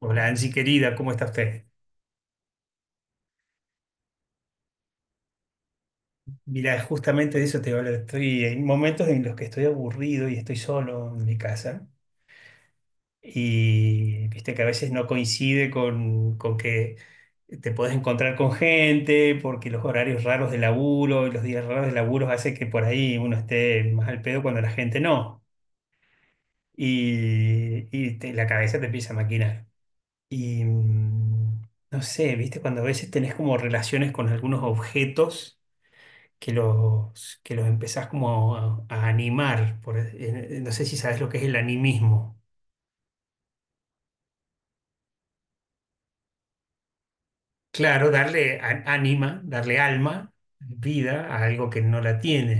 Hola Angie querida, ¿cómo está usted? Mira, justamente de eso te voy a hablar. Estoy en momentos en los que estoy aburrido y estoy solo en mi casa. Y viste que a veces no coincide con que te puedes encontrar con gente, porque los horarios raros de laburo y los días raros de laburo hace que por ahí uno esté más al pedo cuando la gente no. La cabeza te empieza a maquinar. Y mm, no sé, viste, cuando a veces tenés como relaciones con algunos objetos que los empezás como a animar. No sé si sabes lo que es el animismo. Claro, darle ánima, darle alma, vida a algo que no la tiene.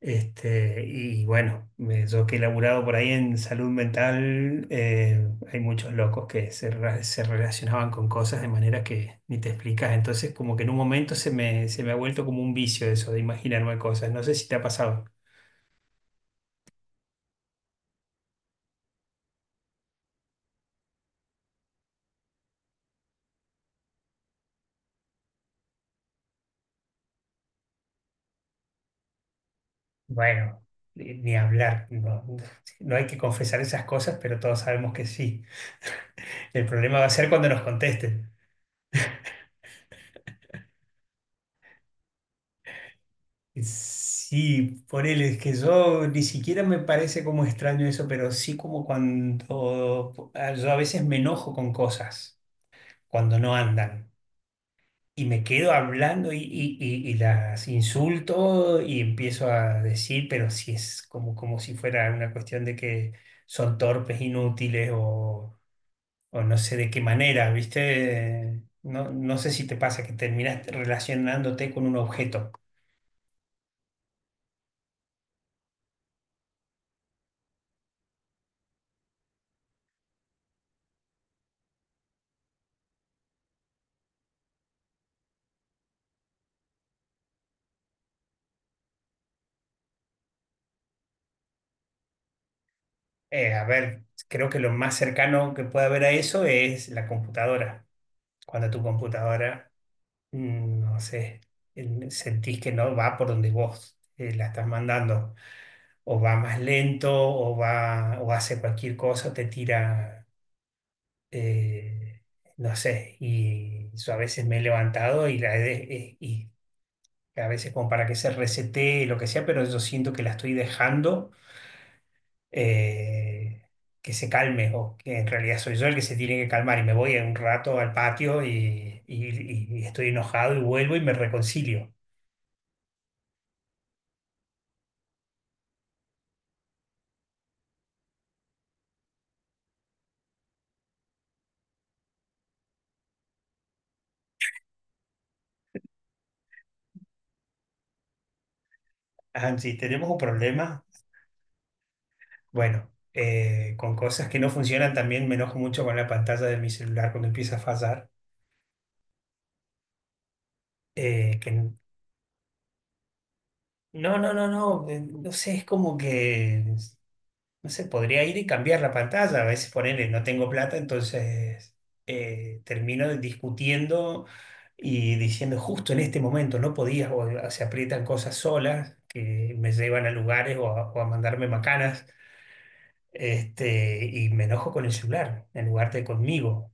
Este, y bueno, yo que he laburado por ahí en salud mental, hay muchos locos que se relacionaban con cosas de manera que ni te explicas. Entonces, como que en un momento se me ha vuelto como un vicio eso de imaginarme cosas. No sé si te ha pasado. Bueno, ni hablar, no, no hay que confesar esas cosas, pero todos sabemos que sí. El problema va a ser cuando nos contesten. Sí, por él es que yo ni siquiera me parece como extraño eso, pero sí como cuando ah, yo a veces me enojo con cosas cuando no andan y me quedo hablando y las insulto y empiezo a decir, pero si es como, como si fuera una cuestión de que son torpes, inútiles o no sé de qué manera, ¿viste? No, no sé si te pasa que terminas relacionándote con un objeto. A ver, creo que lo más cercano que puede haber a eso es la computadora. Cuando tu computadora, no sé, sentís que no va por donde vos la estás mandando, o va más lento, o va, o hace cualquier cosa, te tira, eh, no sé. Y yo a veces me he levantado y la he, y a veces como para que se resete lo que sea, pero yo siento que la estoy dejando, eh, que se calme, o que en realidad soy yo el que se tiene que calmar y me voy un rato al patio y estoy enojado y vuelvo y me reconcilio. Angie, tenemos un problema. Bueno, con cosas que no funcionan también me enojo mucho con la pantalla de mi celular cuando empieza a fallar. eh, que n- no, no, no, no, no sé, es como que. No sé, podría ir y cambiar la pantalla. A veces ponerle no tengo plata, entonces termino discutiendo y diciendo justo en este momento no podías, o se aprietan cosas solas que me llevan a lugares o a mandarme macanas. Este, y me enojo con el celular en lugar de conmigo.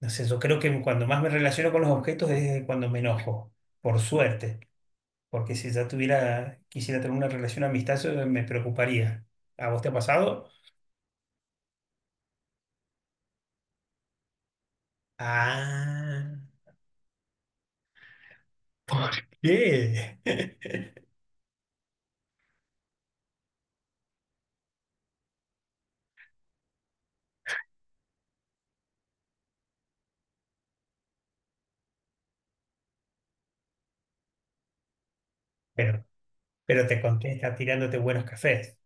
No sé, yo creo que cuando más me relaciono con los objetos es cuando me enojo, por suerte, porque si ya tuviera, quisiera tener una relación amistosa, me preocuparía. ¿A vos te ha pasado? Ah, ¿qué? Pero, pero te contesta tirándote buenos cafés.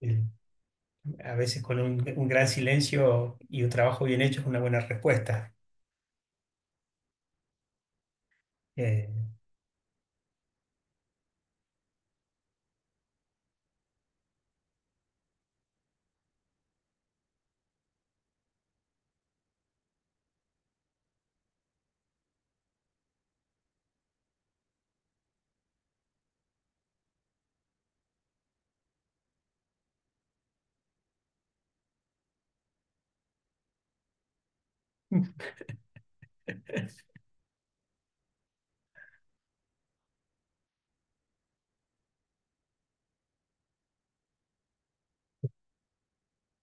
El- A veces con un gran silencio y un trabajo bien hecho es una buena respuesta. Eh,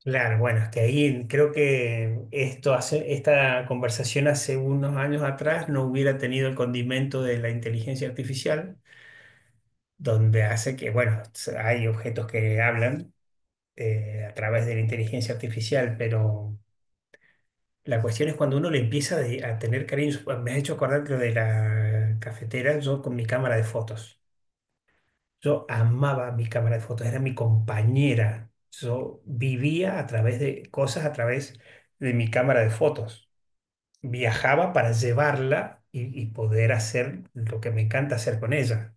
claro, bueno, es que ahí creo que esto hace, esta conversación hace unos años atrás no hubiera tenido el condimento de la inteligencia artificial, donde hace que, bueno, hay objetos que hablan, a través de la inteligencia artificial, pero... La cuestión es cuando uno le empieza a tener cariño. Me has hecho acordar lo de la cafetera, yo con mi cámara de fotos. Yo amaba mi cámara de fotos, era mi compañera. Yo vivía a través de cosas, a través de mi cámara de fotos. Viajaba para llevarla y poder hacer lo que me encanta hacer con ella.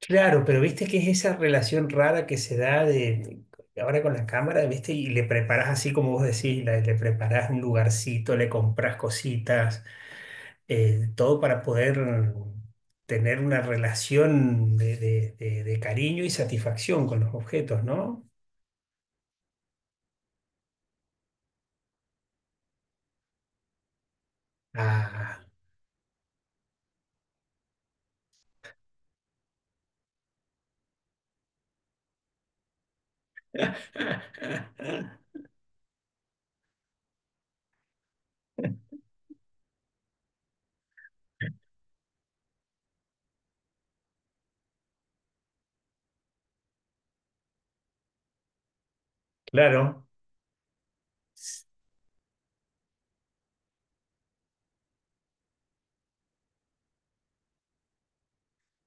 Claro, pero viste que es esa relación rara que se da de ahora con la cámara, viste, y le preparás así como vos decís, le preparás un lugarcito, le comprás cositas, todo para poder tener una relación de cariño y satisfacción con los objetos, ¿no? Ah, claro.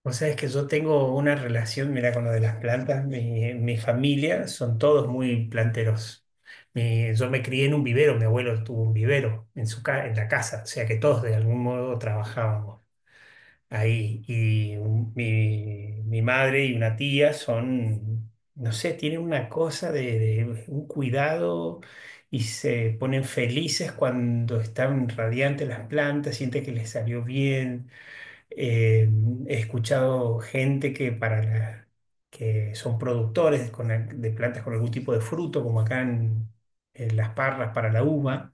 O sea, es que yo tengo una relación, mira, con lo de las plantas. Mi familia son todos muy planteros. Yo me crié en un vivero, mi abuelo tuvo un vivero en su en la casa, o sea que todos de algún modo trabajábamos ahí. Mi madre y una tía son, no sé, tienen una cosa de un cuidado, y se ponen felices cuando están radiantes las plantas, sienten que les salió bien. Eh, he escuchado gente que son productores de plantas con algún tipo de fruto, como acá en Las Parras para la uva.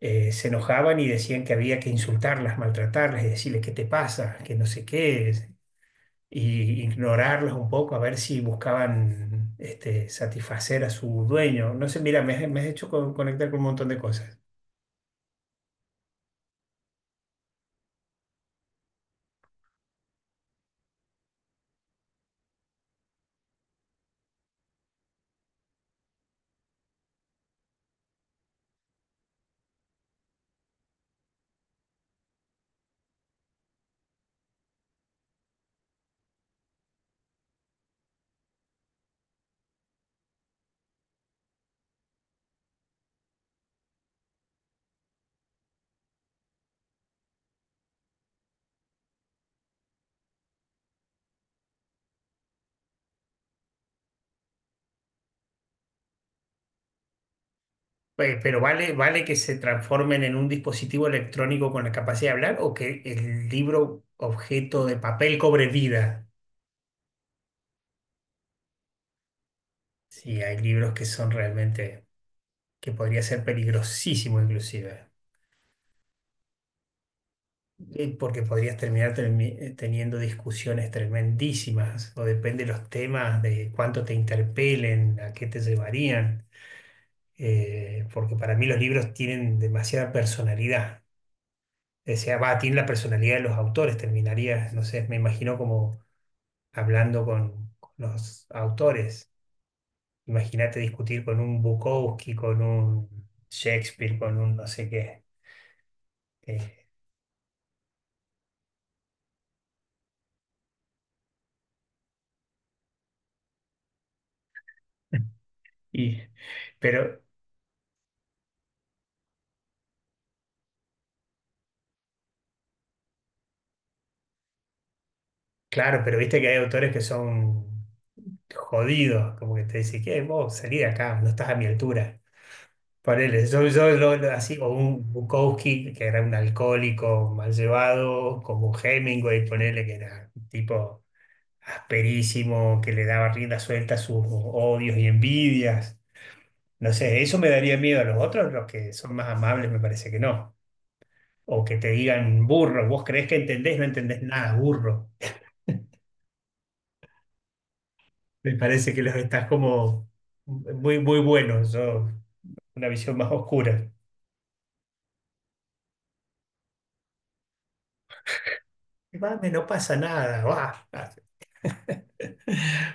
Se enojaban y decían que había que insultarlas, maltratarlas y decirles qué te pasa, que no sé qué, y ignorarlas un poco a ver si buscaban, este, satisfacer a su dueño. No sé, mira, me has hecho conectar con un montón de cosas. Pero vale, vale que se transformen en un dispositivo electrónico con la capacidad de hablar, o que el libro objeto de papel cobre vida. Sí, hay libros que son realmente, que podría ser peligrosísimo inclusive. Porque podrías teniendo discusiones tremendísimas, o depende de los temas, de cuánto te interpelen, a qué te llevarían. Porque para mí los libros tienen demasiada personalidad. O sea, va, tienen la personalidad de los autores. Terminaría, no sé, me imagino como hablando con los autores. Imagínate discutir con un Bukowski, con un Shakespeare, con un no sé qué. Eh, y, pero, claro, pero viste que hay autores que son jodido, como que te dice, ¿qué? Vos salí de acá, no estás a mi altura. Ponele, yo así, o un Bukowski, que era un alcohólico mal llevado, como Hemingway, ponele, que era un tipo asperísimo, que le daba rienda suelta a sus odios y envidias. No sé, eso me daría miedo. A los otros, los que son más amables, me parece que no. O que te digan burro, vos creés que entendés, no entendés nada, burro. Me parece que los estás como muy, muy buenos. Yo, una visión más oscura. Y, Mame, no pasa nada, va.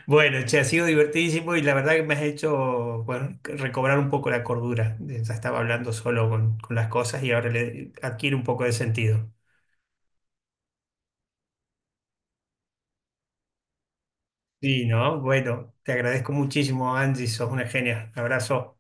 Bueno, che, ha sido divertidísimo y la verdad que me has hecho, bueno, recobrar un poco la cordura. Ya estaba hablando solo con las cosas y ahora le adquiere un poco de sentido. Sí, ¿no? Bueno, te agradezco muchísimo, Angie, sos una genia. Abrazo.